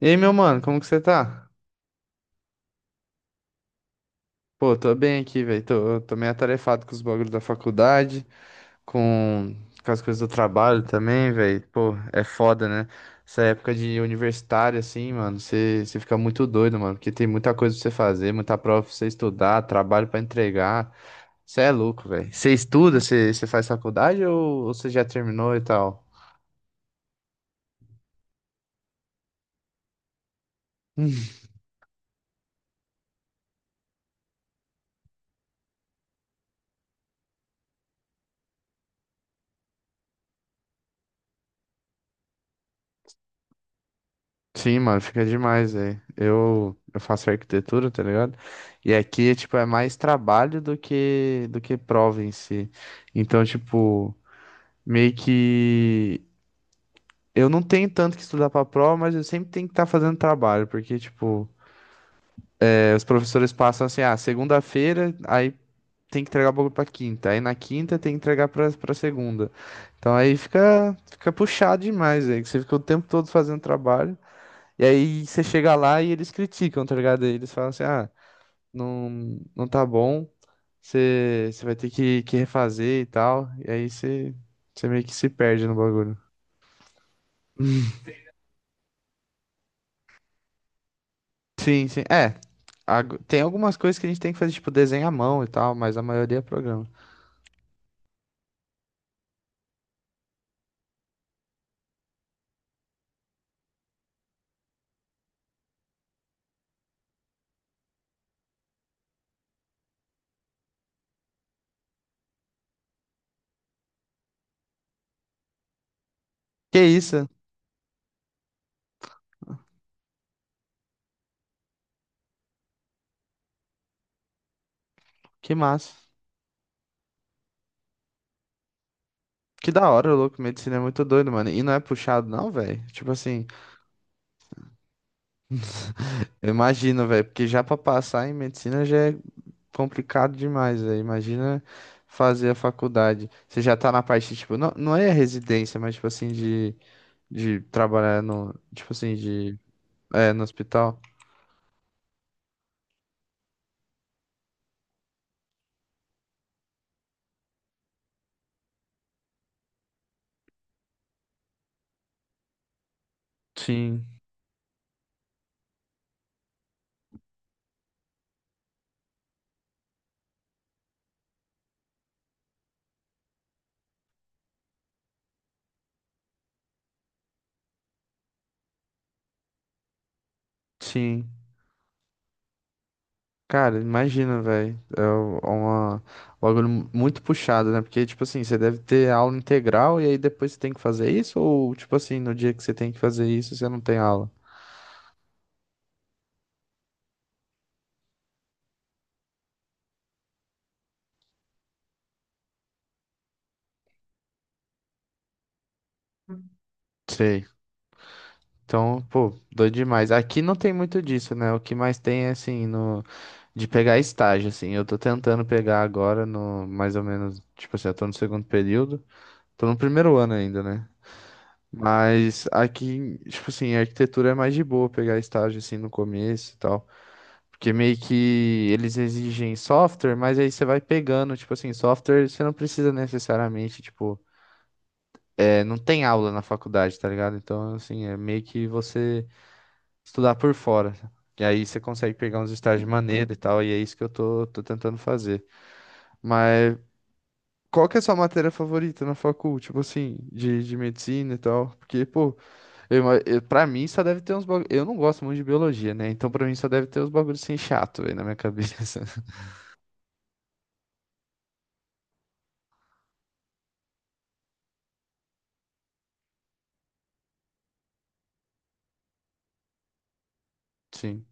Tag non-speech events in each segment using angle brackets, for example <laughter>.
E aí, meu mano, como que você tá? Pô, tô bem aqui, velho. Tô meio atarefado com os bagulhos da faculdade, com, com as coisas do trabalho também, velho. Pô, é foda, né? Essa época de universitário, assim, mano, você fica muito doido, mano, porque tem muita coisa pra você fazer, muita prova pra você estudar, trabalho pra entregar. Você é louco, velho. Você estuda, você faz faculdade ou você já terminou e tal? Sim, mano, fica demais aí. Eu faço arquitetura, tá ligado? E aqui, tipo, é mais trabalho do que prova em si. Então, tipo, meio que eu não tenho tanto que estudar pra prova, mas eu sempre tenho que estar fazendo trabalho, porque, tipo, é, os professores passam assim, ah, segunda-feira, aí tem que entregar o bagulho pra quinta, aí na quinta tem que entregar pra segunda. Então aí fica puxado demais aí, que você fica o tempo todo fazendo trabalho. E aí você chega lá e eles criticam, tá ligado? Eles falam assim, ah, não, não tá bom, você vai ter que refazer e tal. E aí você meio que se perde no bagulho. Sim, sim. É, tem algumas coisas que a gente tem que fazer, tipo, desenho à mão e tal, mas a maioria é programa. Que isso? Que massa. Que da hora, louco. Medicina é muito doido, mano. E não é puxado, não, velho. Tipo assim, eu imagino, velho, porque já pra passar em medicina já é complicado demais, velho. Imagina fazer a faculdade. Você já tá na parte, tipo, não, não é residência, mas, tipo assim, de, trabalhar no, tipo assim, de, é, no hospital. Sim, sim. Cara, imagina, velho. É um bagulho muito puxado, né? Porque, tipo assim, você deve ter aula integral e aí depois você tem que fazer isso? Ou, tipo assim, no dia que você tem que fazer isso, você não tem aula? Sei. Então, pô, doido demais. Aqui não tem muito disso, né? O que mais tem é assim, no, de pegar estágio, assim. Eu tô tentando pegar agora no mais ou menos, tipo assim, eu tô no segundo período. Tô no primeiro ano ainda, né? Mas aqui, tipo assim, a arquitetura é mais de boa pegar estágio assim no começo e tal. Porque meio que eles exigem software, mas aí você vai pegando, tipo assim, software você não precisa necessariamente, tipo, é, não tem aula na faculdade, tá ligado? Então, assim, é meio que você estudar por fora. E aí você consegue pegar uns estágios maneiros e tal, e é isso que eu tô tentando fazer. Mas Qual que é a sua matéria favorita na facul? Tipo assim, de medicina e tal. Porque, pô, pra mim só deve ter uns bagulho. Eu não gosto muito de biologia, né? Então pra mim só deve ter uns bagulhos assim chato, velho, na minha cabeça. <laughs> Sim.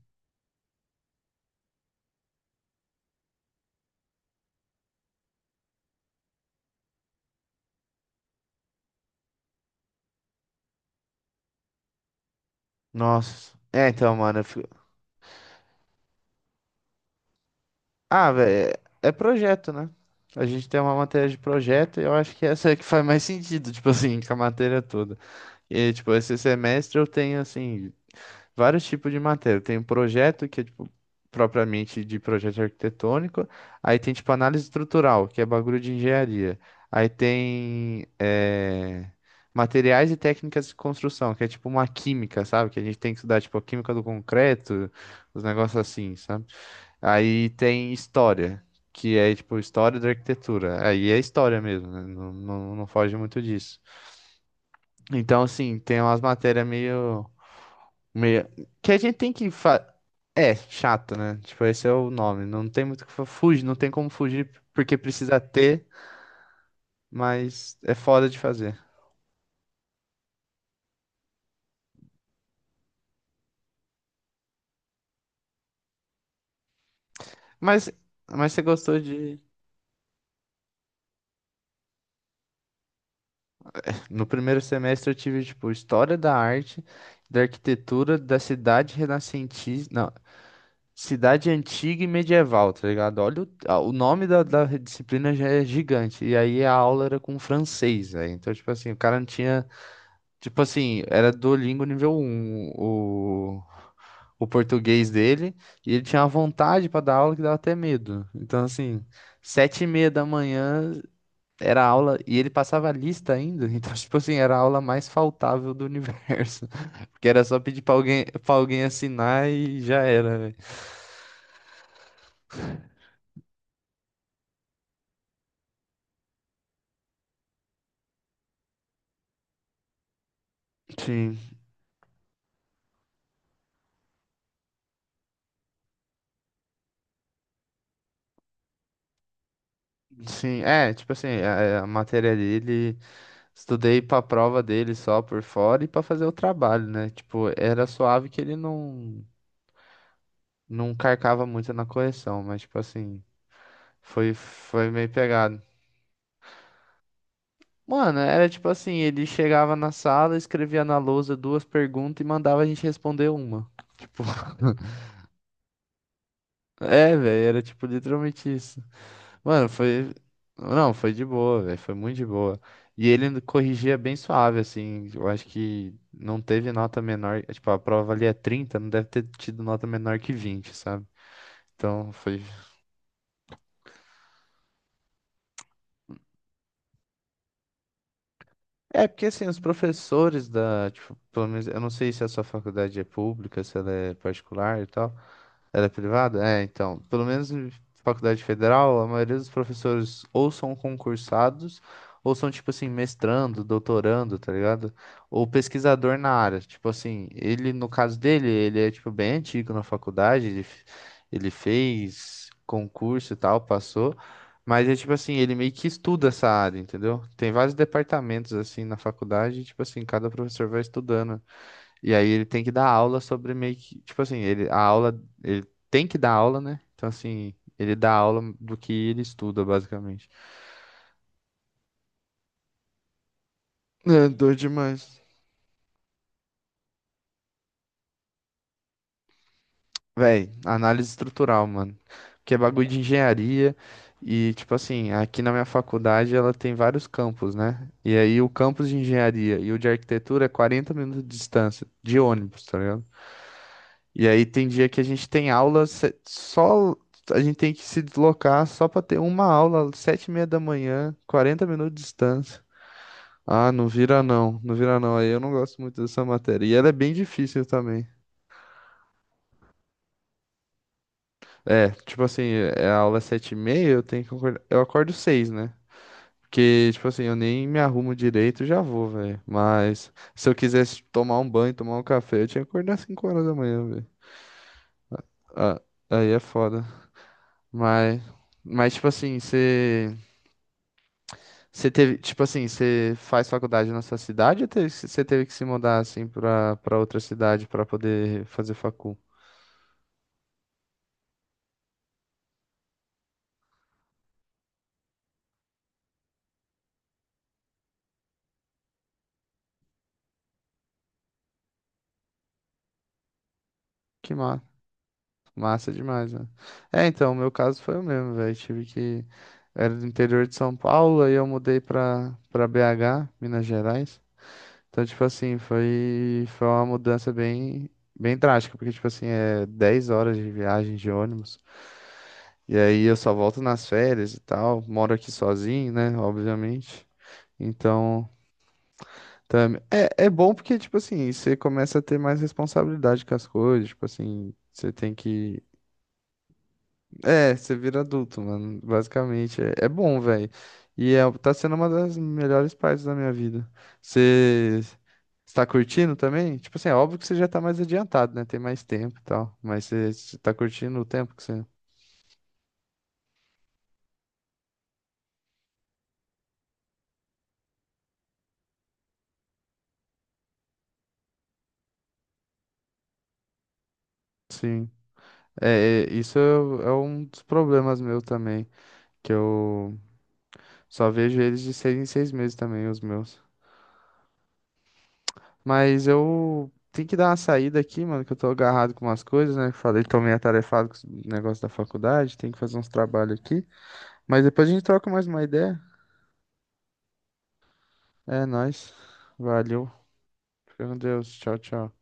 Nossa. É, então, mano. Ah, velho, é projeto, né? A gente tem uma matéria de projeto e eu acho que essa é que faz mais sentido, tipo assim, com a matéria toda. E, tipo, esse semestre eu tenho, assim, vários tipos de matéria. Tem um projeto, que é tipo, propriamente de projeto arquitetônico. Aí tem tipo análise estrutural, que é bagulho de engenharia. Aí tem materiais e técnicas de construção, que é tipo uma química, sabe? Que a gente tem que estudar tipo a química do concreto, os negócios assim, sabe? Aí tem história. Que é tipo história da arquitetura. Aí é história mesmo, né? Não, não, não foge muito disso. Então, assim, tem umas matérias meio. Meio... Que a gente tem que fa... É, chato, né? Tipo, esse é o nome. Não tem muito o que fugir, não tem como fugir porque precisa ter, mas é foda de fazer. Mas, mas você gostou de. No primeiro semestre eu tive, tipo, História da Arte, da Arquitetura, da Cidade Renascentista. Não, Cidade Antiga e Medieval, tá ligado? Olha o nome da disciplina já é gigante. E aí a aula era com francês, né? Então, tipo assim, o cara não tinha. Tipo assim, era Duolingo nível um o português dele, e ele tinha uma vontade pra dar aula que dava até medo. Então, assim, 7h30 da manhã era aula, e ele passava lista ainda, <laughs> então, tipo assim, era a aula mais faltável do universo. <laughs> Porque era só pedir pra alguém assinar e já era, velho. Sim, sim, é, tipo assim, a matéria dele, estudei pra prova dele só por fora e pra fazer o trabalho, né? Tipo, era suave que ele não. Não carcava muito na correção, mas tipo assim, foi meio pegado. Mano, era tipo assim, ele chegava na sala, escrevia na lousa duas perguntas e mandava a gente responder uma. Tipo, <laughs> é, velho, era tipo literalmente isso. Mano, foi. Não, foi de boa, velho, foi muito de boa. E ele corrigia bem suave, assim. Eu acho que não teve nota menor. Tipo, a prova ali é 30, não deve ter tido nota menor que 20, sabe? Então, foi. É, porque assim, os professores da, tipo, pelo menos, eu não sei se a sua faculdade é pública, se ela é particular e tal. Ela é privada? É, então, pelo menos em faculdade federal, a maioria dos professores ou são concursados, ou são, tipo assim, mestrando, doutorando, tá ligado? Ou pesquisador na área. Tipo assim, ele, no caso dele, ele é, tipo, bem antigo na faculdade, ele fez concurso e tal, passou. Mas é tipo assim, ele meio que estuda essa área, entendeu? Tem vários departamentos assim na faculdade, e, tipo assim, cada professor vai estudando. E aí ele tem que dar aula sobre meio que, tipo assim, ele tem que dar aula, né? Então assim, ele dá aula do que ele estuda, basicamente. É, doido demais. Véi, análise estrutural, mano. Que é bagulho de engenharia e tipo assim, aqui na minha faculdade ela tem vários campos, né? E aí o campus de engenharia e o de arquitetura é 40 minutos de distância de ônibus, tá ligado? E aí tem dia que a gente tem aula, só a gente tem que se deslocar só para ter uma aula, 7h30 da manhã, 40 minutos de distância. Ah, não vira não, não vira não. Aí eu não gosto muito dessa matéria. E ela é bem difícil também. É, tipo assim, é a aula é 7h30, eu tenho que acordar. Eu acordo seis, né? Porque, tipo assim, eu nem me arrumo direito, e já vou, velho. Mas se eu quisesse tomar um banho, tomar um café, eu tinha que acordar 5h da manhã, velho. Ah, aí é foda. Mas, mas tipo assim, você. Você teve, tipo assim, você faz faculdade na sua cidade ou você teve que se mudar assim pra, outra cidade pra poder fazer facul? Que ma massa demais, né? É, então, o meu caso foi o mesmo, velho. Tive que. Era do interior de São Paulo, aí eu mudei pra, BH, Minas Gerais. Então, tipo assim, foi uma mudança bem, bem drástica, porque, tipo assim, é 10 horas de viagem de ônibus. E aí eu só volto nas férias e tal. Moro aqui sozinho, né? Obviamente. Então, também é bom porque, tipo assim, você começa a ter mais responsabilidade com as coisas, tipo assim, você tem que. É, você vira adulto, mano, basicamente. É, bom, velho. E é, tá sendo uma das melhores partes da minha vida. Você está curtindo também? Tipo assim, é óbvio que você já tá mais adiantado, né? Tem mais tempo e tal. Mas você tá curtindo o tempo que você. Sim. É, isso é um dos problemas meu também. Que eu só vejo eles de seis em seis meses também, os meus. Mas eu tenho que dar uma saída aqui, mano, que eu tô agarrado com umas coisas, né? Falei, tô meio atarefado com os negócios da faculdade, tenho que fazer uns trabalhos aqui. Mas depois a gente troca mais uma ideia. É nóis. Valeu. Fica com Deus. Tchau, tchau.